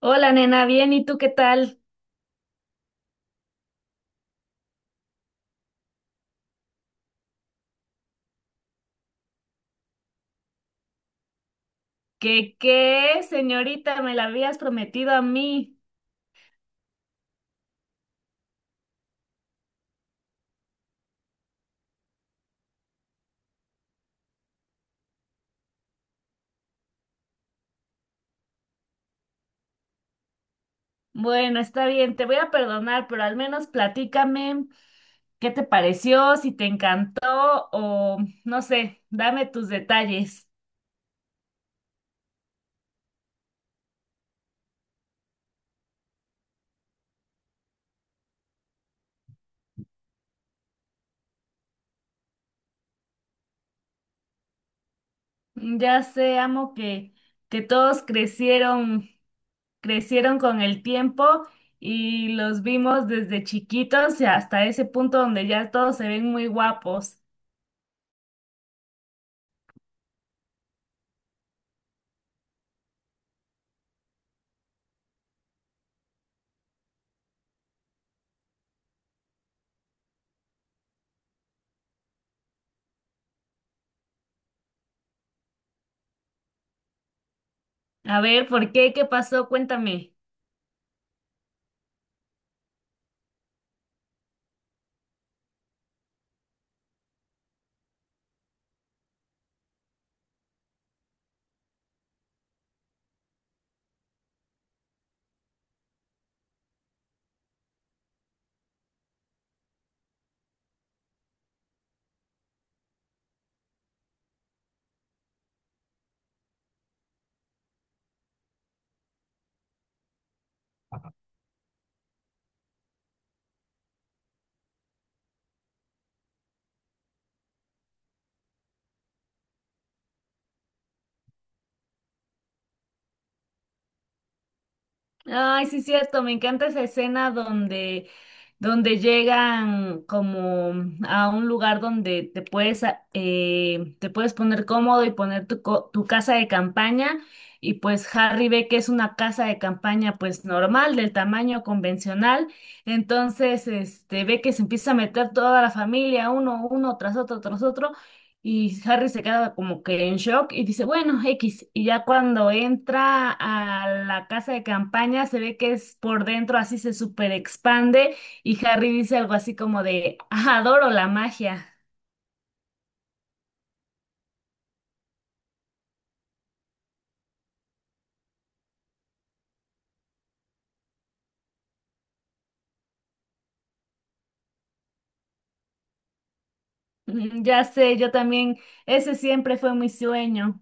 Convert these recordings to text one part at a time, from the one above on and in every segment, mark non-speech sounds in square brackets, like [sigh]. Hola, nena, bien, ¿y tú qué tal? ¿Qué, señorita? Me la habías prometido a mí. Bueno, está bien, te voy a perdonar, pero al menos platícame qué te pareció, si te encantó o no sé, dame tus detalles. Ya sé, amo que todos crecieron con el tiempo y los vimos desde chiquitos y hasta ese punto donde ya todos se ven muy guapos. A ver, ¿por qué? ¿Qué pasó? Cuéntame. Ay, sí, cierto, me encanta esa escena donde llegan como a un lugar donde te puedes poner cómodo y poner tu casa de campaña. Y pues Harry ve que es una casa de campaña pues normal, del tamaño convencional. Entonces, este, ve que se empieza a meter toda la familia, uno tras otro, tras otro. Y Harry se queda como que en shock y dice, bueno, X. Y ya cuando entra a la casa de campaña, se ve que es por dentro, así se super expande y Harry dice algo así como de, "Ah, adoro la magia. Ya sé, yo también, ese siempre fue mi sueño.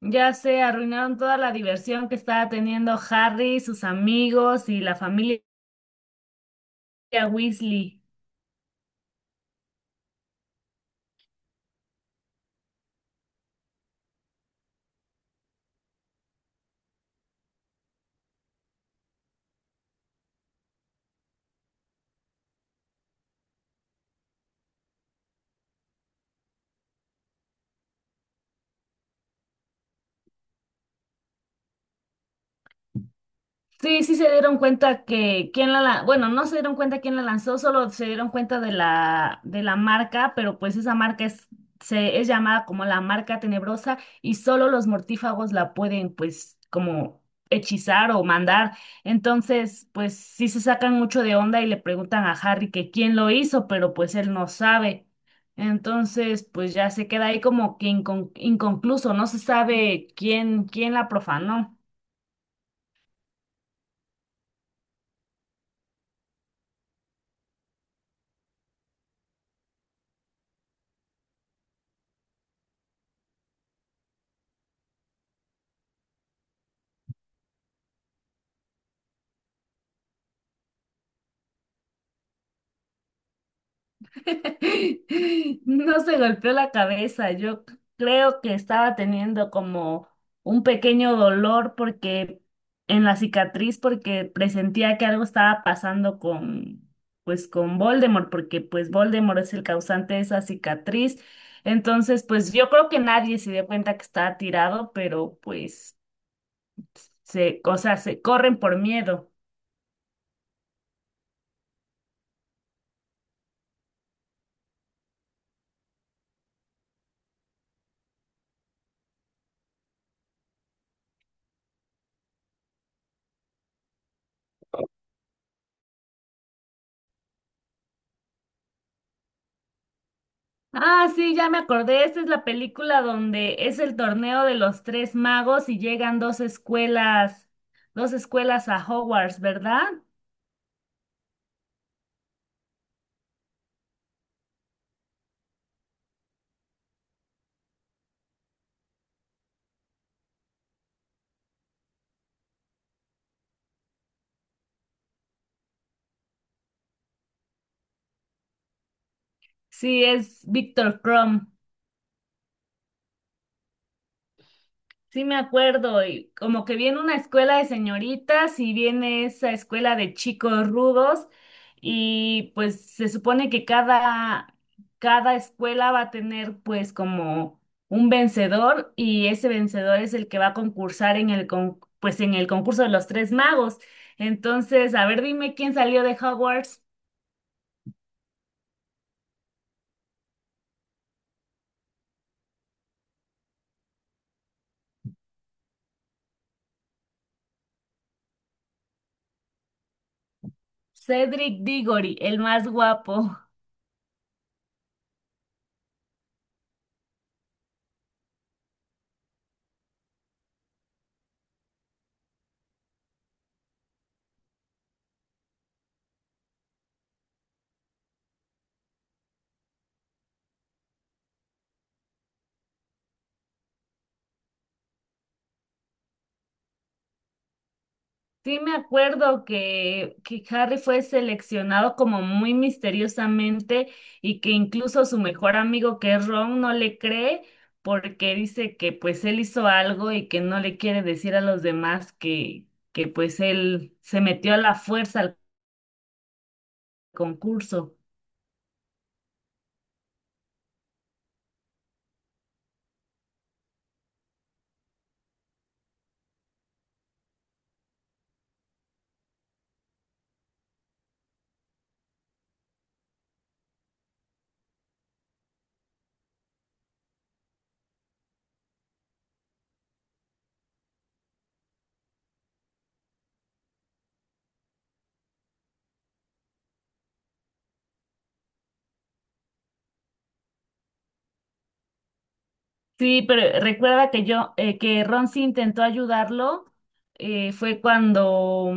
Ya sé, arruinaron toda la diversión que estaba teniendo Harry, sus amigos y la familia Weasley. Sí, sí se dieron cuenta que quién bueno, no se dieron cuenta quién la lanzó, solo se dieron cuenta de la marca, pero pues esa marca es llamada como la marca tenebrosa y solo los mortífagos la pueden pues como hechizar o mandar. Entonces, pues sí se sacan mucho de onda y le preguntan a Harry que quién lo hizo, pero pues él no sabe. Entonces, pues ya se queda ahí como que inconcluso, no se sabe quién la profanó. [laughs] No se golpeó la cabeza, yo creo que estaba teniendo como un pequeño dolor porque en la cicatriz porque presentía que algo estaba pasando con Voldemort porque pues Voldemort es el causante de esa cicatriz. Entonces, pues yo creo que nadie se dio cuenta que estaba tirado, pero pues o sea, se corren por miedo. Ah, sí, ya me acordé. Esta es la película donde es el torneo de los tres magos y llegan dos escuelas a Hogwarts, ¿verdad? Sí, es Victor Crumb. Sí, me acuerdo, y como que viene una escuela de señoritas y viene esa escuela de chicos rudos y pues se supone que cada escuela va a tener pues como un vencedor y ese vencedor es el que va a concursar en el concurso de los tres magos. Entonces, a ver, dime quién salió de Hogwarts. Cedric Diggory, el más guapo. Sí, me acuerdo que Harry fue seleccionado como muy misteriosamente y que incluso su mejor amigo que es Ron no le cree porque dice que pues él hizo algo y que no le quiere decir a los demás que pues él se metió a la fuerza al concurso. Sí, pero recuerda que que Ron sí intentó ayudarlo, eh, fue cuando,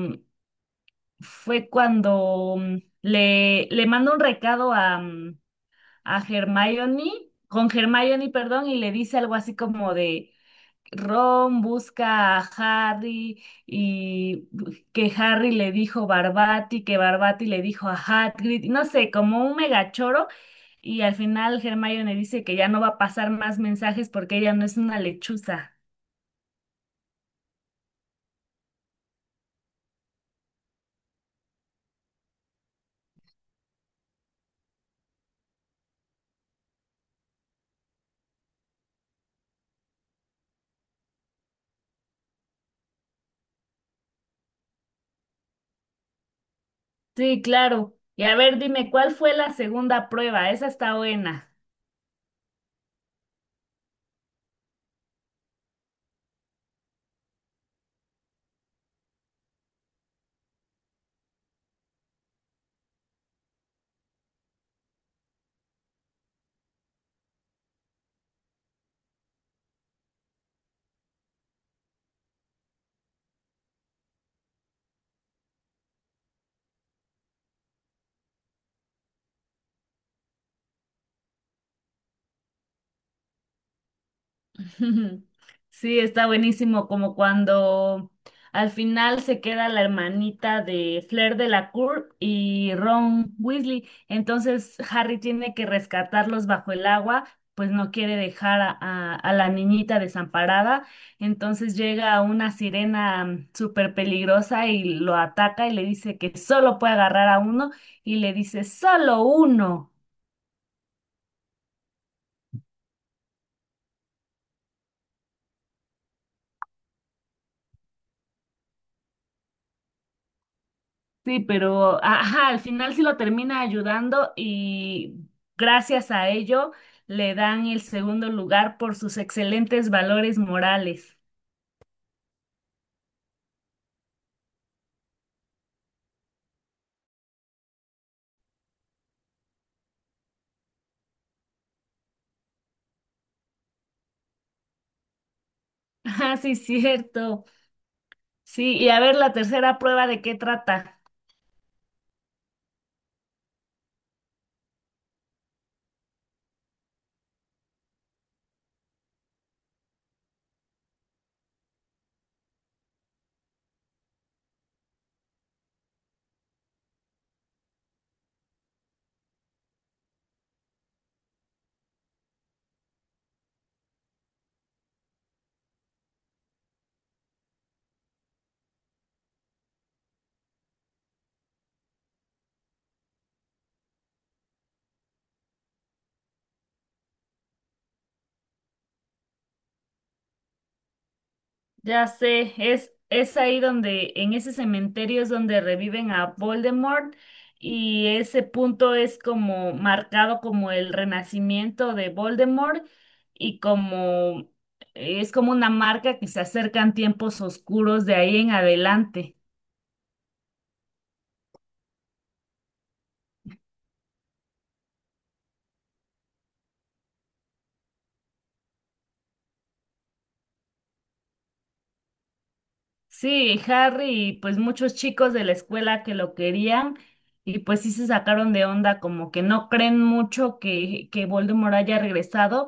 fue cuando le mandó un recado a Hermione, con Hermione, perdón, y le dice algo así como de Ron busca a Harry y que Harry le dijo Barbati, que Barbati le dijo a Hagrid, y no sé, como un megachoro. Y al final Hermione dice que ya no va a pasar más mensajes porque ella no es una lechuza. Sí, claro. Y a ver, dime, ¿cuál fue la segunda prueba? Esa está buena. [laughs] Sí, está buenísimo, como cuando al final se queda la hermanita de Flair de la Cour y Ron Weasley. Entonces Harry tiene que rescatarlos bajo el agua, pues no quiere dejar a la niñita desamparada. Entonces llega una sirena súper peligrosa y lo ataca y le dice que solo puede agarrar a uno y le dice solo uno. Sí, pero ajá, al final sí lo termina ayudando y gracias a ello le dan el segundo lugar por sus excelentes valores morales. [laughs] Ah, sí, cierto. Sí, y a ver la tercera prueba de qué trata. Ya sé, es ahí en ese cementerio es donde reviven a Voldemort y ese punto es como marcado como el renacimiento de Voldemort y como es como una marca que se acercan tiempos oscuros de ahí en adelante. Sí, Harry y pues muchos chicos de la escuela que lo querían y pues sí se sacaron de onda, como que no creen mucho que Voldemort haya regresado,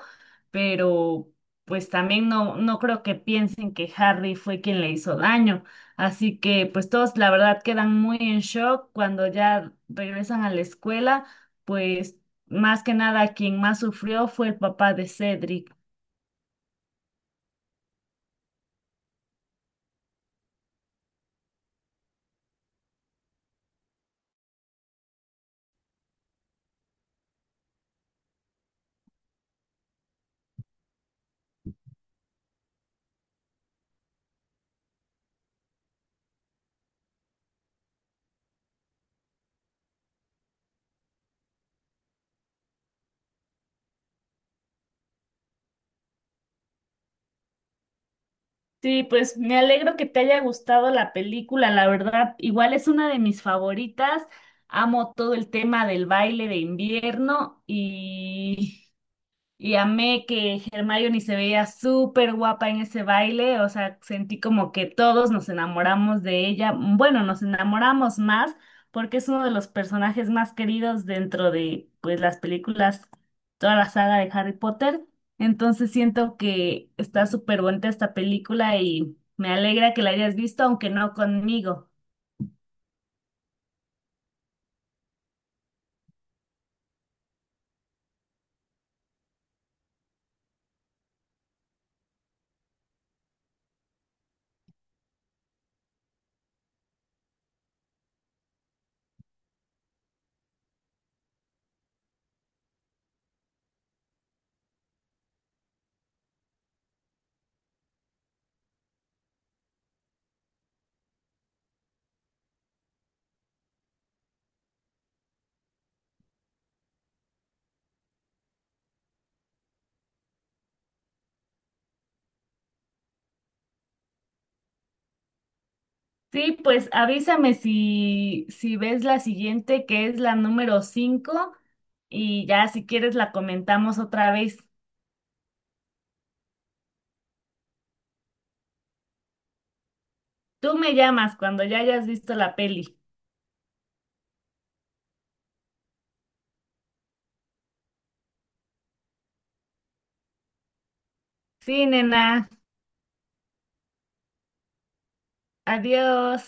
pero pues también no, no creo que piensen que Harry fue quien le hizo daño. Así que pues todos la verdad quedan muy en shock cuando ya regresan a la escuela, pues más que nada quien más sufrió fue el papá de Cedric. Sí, pues me alegro que te haya gustado la película, la verdad, igual es una de mis favoritas. Amo todo el tema del baile de invierno y amé que Hermione se veía súper guapa en ese baile, o sea, sentí como que todos nos enamoramos de ella. Bueno, nos enamoramos más porque es uno de los personajes más queridos dentro de pues las películas, toda la saga de Harry Potter. Entonces siento que está súper bonita esta película y me alegra que la hayas visto, aunque no conmigo. Sí, pues avísame si ves la siguiente, que es la número 5 y ya si quieres la comentamos otra vez. Tú me llamas cuando ya hayas visto la peli. Sí, nena. Adiós.